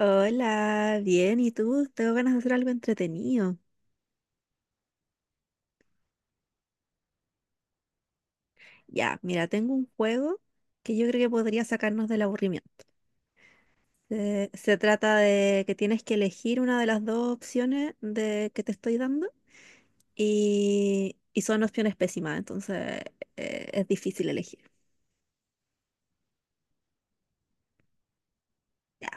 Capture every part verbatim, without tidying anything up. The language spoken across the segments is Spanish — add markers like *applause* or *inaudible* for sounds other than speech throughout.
Hola, bien, ¿y tú? Tengo ganas de hacer algo entretenido. Ya, mira, tengo un juego que yo creo que podría sacarnos del aburrimiento. Se, se trata de que tienes que elegir una de las dos opciones de, que te estoy dando y, y son opciones pésimas, entonces eh, es difícil elegir. Ya.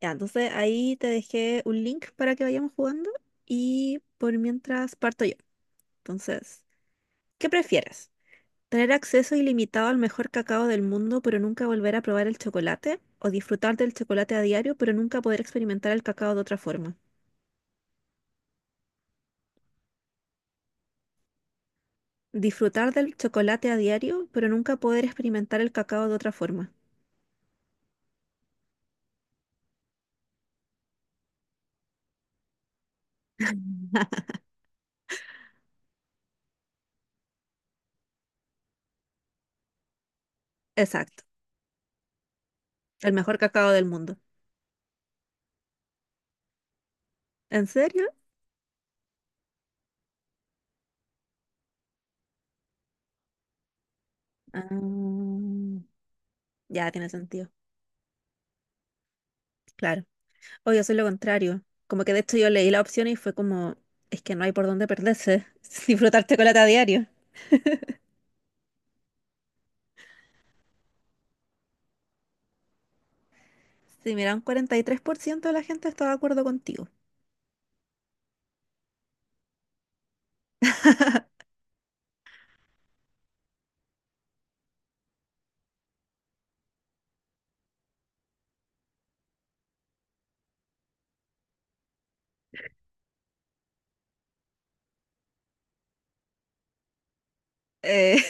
Ya, entonces ahí te dejé un link para que vayamos jugando y por mientras parto yo. Entonces, ¿qué prefieres? ¿Tener acceso ilimitado al mejor cacao del mundo, pero nunca volver a probar el chocolate? ¿O disfrutar del chocolate a diario, pero nunca poder experimentar el cacao de otra forma? Disfrutar del chocolate a diario, pero nunca poder experimentar el cacao de otra forma. Exacto, el mejor cacao del mundo. ¿En serio? Ah, ya tiene sentido. Claro. O yo soy lo contrario. Como que de hecho yo leí la opción y fue como, es que no hay por dónde perderse. *laughs* Disfrutar chocolate a diario. Sí, mira, un cuarenta y tres por ciento de la gente está de acuerdo contigo. Eh,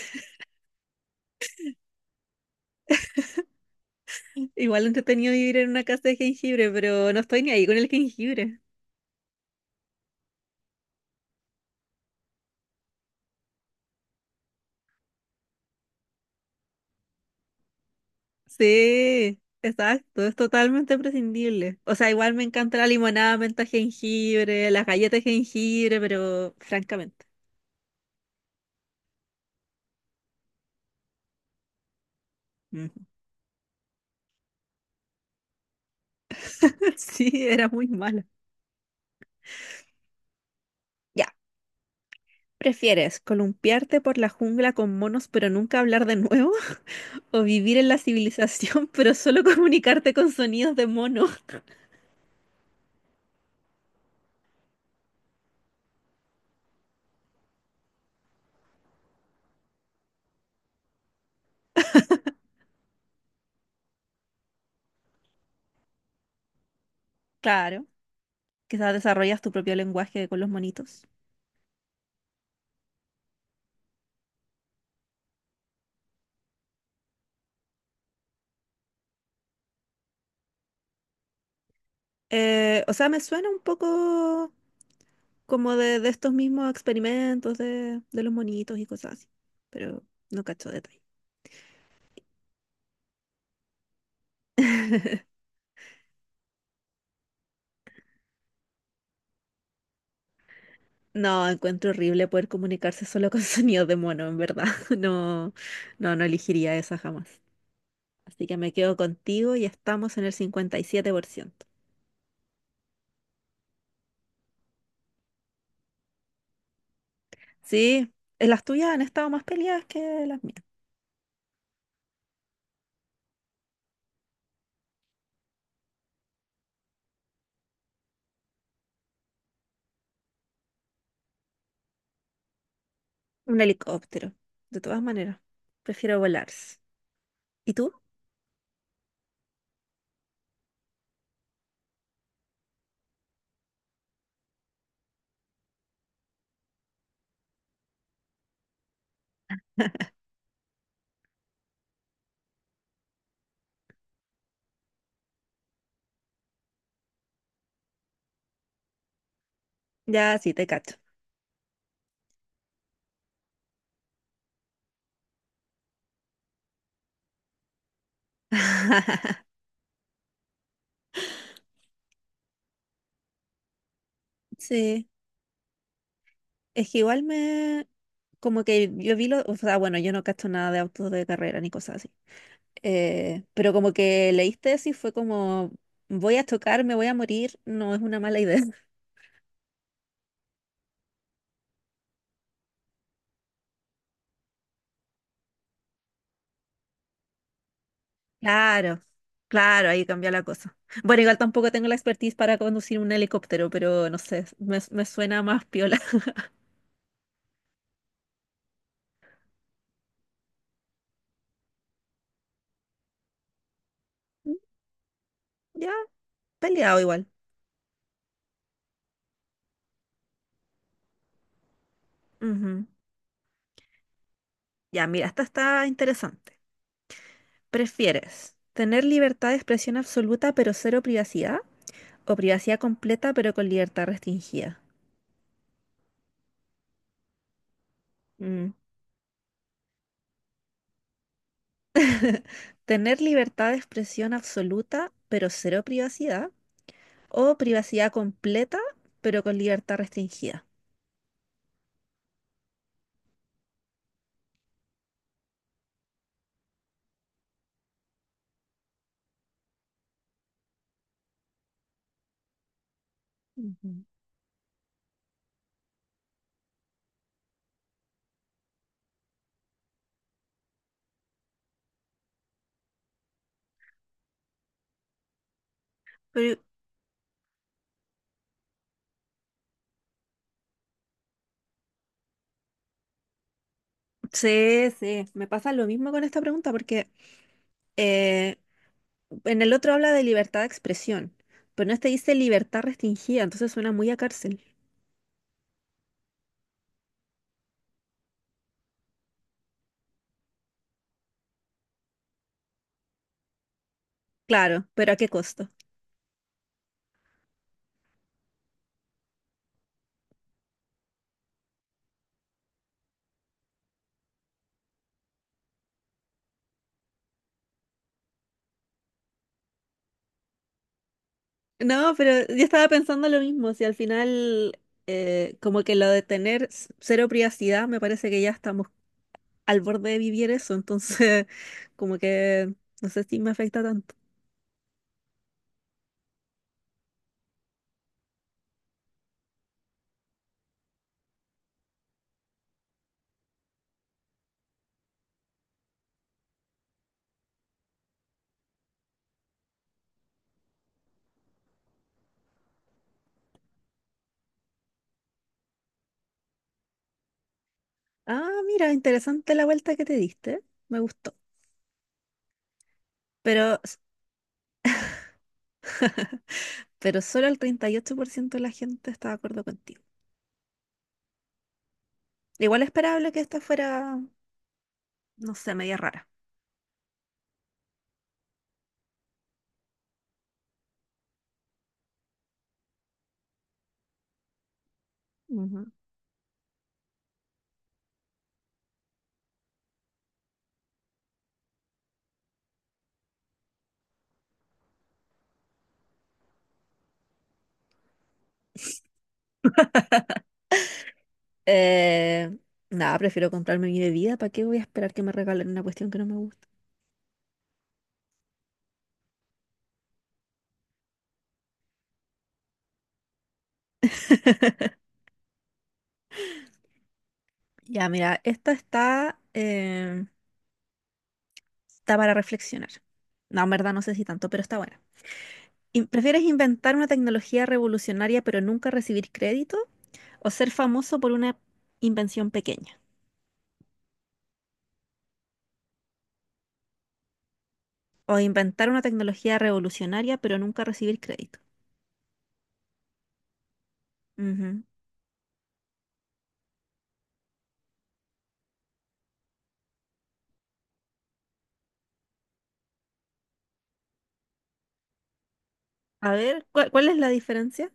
Igual entretenido vivir en una casa de jengibre, pero no estoy ni ahí con el jengibre. Sí, exacto, es totalmente prescindible. O sea, igual me encanta la limonada, menta, jengibre, las galletas de jengibre, pero francamente, Mm. *laughs* Sí, era muy mala. Ya, ¿prefieres columpiarte por la jungla con monos pero nunca hablar de nuevo? *laughs* ¿O vivir en la civilización *laughs* pero solo comunicarte con sonidos de mono? *laughs* Claro, quizás desarrollas tu propio lenguaje con los monitos. Eh, o sea, me suena un poco como de, de estos mismos experimentos de, de los monitos y cosas así, pero no cacho detalle. No, encuentro horrible poder comunicarse solo con *laughs* sonidos de mono, en verdad. *laughs* No, no, no elegiría esa jamás. Así que me quedo contigo y estamos en el cincuenta y siete por ciento. Sí, eh, las tuyas han estado más peleadas que las mías. Un helicóptero, de todas maneras. Prefiero volar. ¿Y tú? Ya, sí, te cacho. Sí. Es que igual me... Como que yo vi lo... O sea, bueno, yo no cacho nada de autos de carrera ni cosas así. Eh, pero como que leíste eso y fue como... Voy a chocar, me voy a morir. No es una mala idea. *laughs* Claro, claro, ahí cambia la cosa. Bueno, igual tampoco tengo la expertise para conducir un helicóptero, pero no sé, me, me suena más piola. *laughs* Ya, peleado igual. Ujú. Ya, mira, esta está interesante. ¿Prefieres tener libertad de expresión absoluta pero cero privacidad? O privacidad completa, pero con libertad restringida. Mm. Tener libertad de expresión absoluta, pero cero privacidad. O privacidad completa, pero con libertad restringida. Ujú. Pero- sí, sí, me pasa lo mismo con esta pregunta porque eh, en el otro habla de libertad de expresión, pero en este dice libertad restringida, entonces suena muy a cárcel. Claro, pero ¿a qué costo? No, pero yo estaba pensando lo mismo, si al final eh, como que lo de tener s- cero privacidad, me parece que ya estamos al borde de vivir eso, entonces *laughs* como que no sé si me afecta tanto. Ah, mira, interesante la vuelta que te diste, me gustó, pero, s- pero solo el treinta y ocho por ciento de la gente está de acuerdo contigo. Igual esperable que esta fuera, no sé, media rara. Ujú. Eh, nada, prefiero comprarme mi bebida, ¿para qué voy a esperar que me regalen una cuestión que no me gusta? Ya, mira, esta está, eh, está para reflexionar. No, en verdad no sé si tanto, pero está buena. In- ¿Prefieres inventar una tecnología revolucionaria pero nunca recibir crédito? ¿O ser famoso por una invención pequeña? ¿O inventar una tecnología revolucionaria pero nunca recibir crédito? Ujú. A ver, ¿cuál, cuál es la diferencia?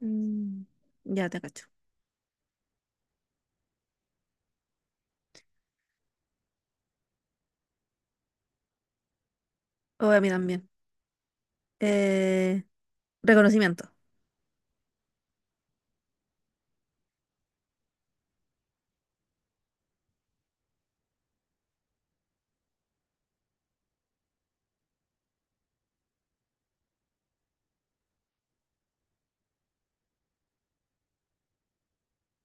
Mm, ya te cacho. O a mí también. Eh, reconocimiento.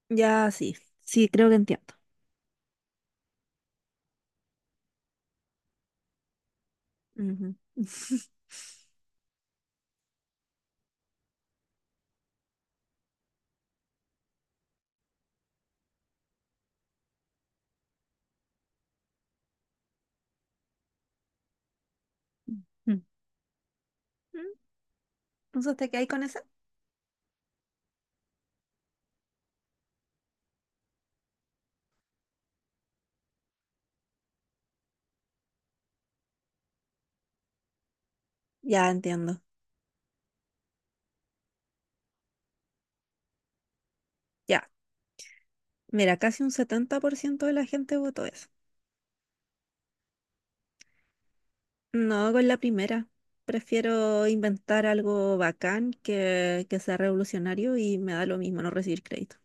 Ya, sí. Sí, creo que entiendo. Ujú. *laughs* Mm. Entonces, ¿te ahí con esa? Ya entiendo. Ya. Mira, casi un setenta por ciento de la gente votó eso. No con la primera. Prefiero inventar algo bacán que, que sea revolucionario y me da lo mismo no recibir crédito.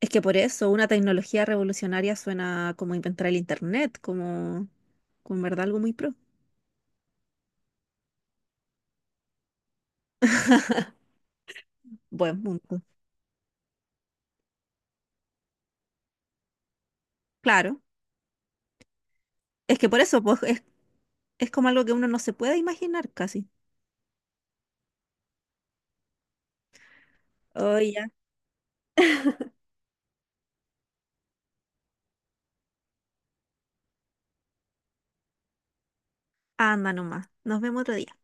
Es que por eso una tecnología revolucionaria suena como inventar el internet, como, como en verdad algo muy pro. Buen punto. Claro. Es que por eso pues, es, es como algo que uno no se puede imaginar casi. Oye, anda nomás. Nos vemos otro día.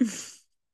*laughs*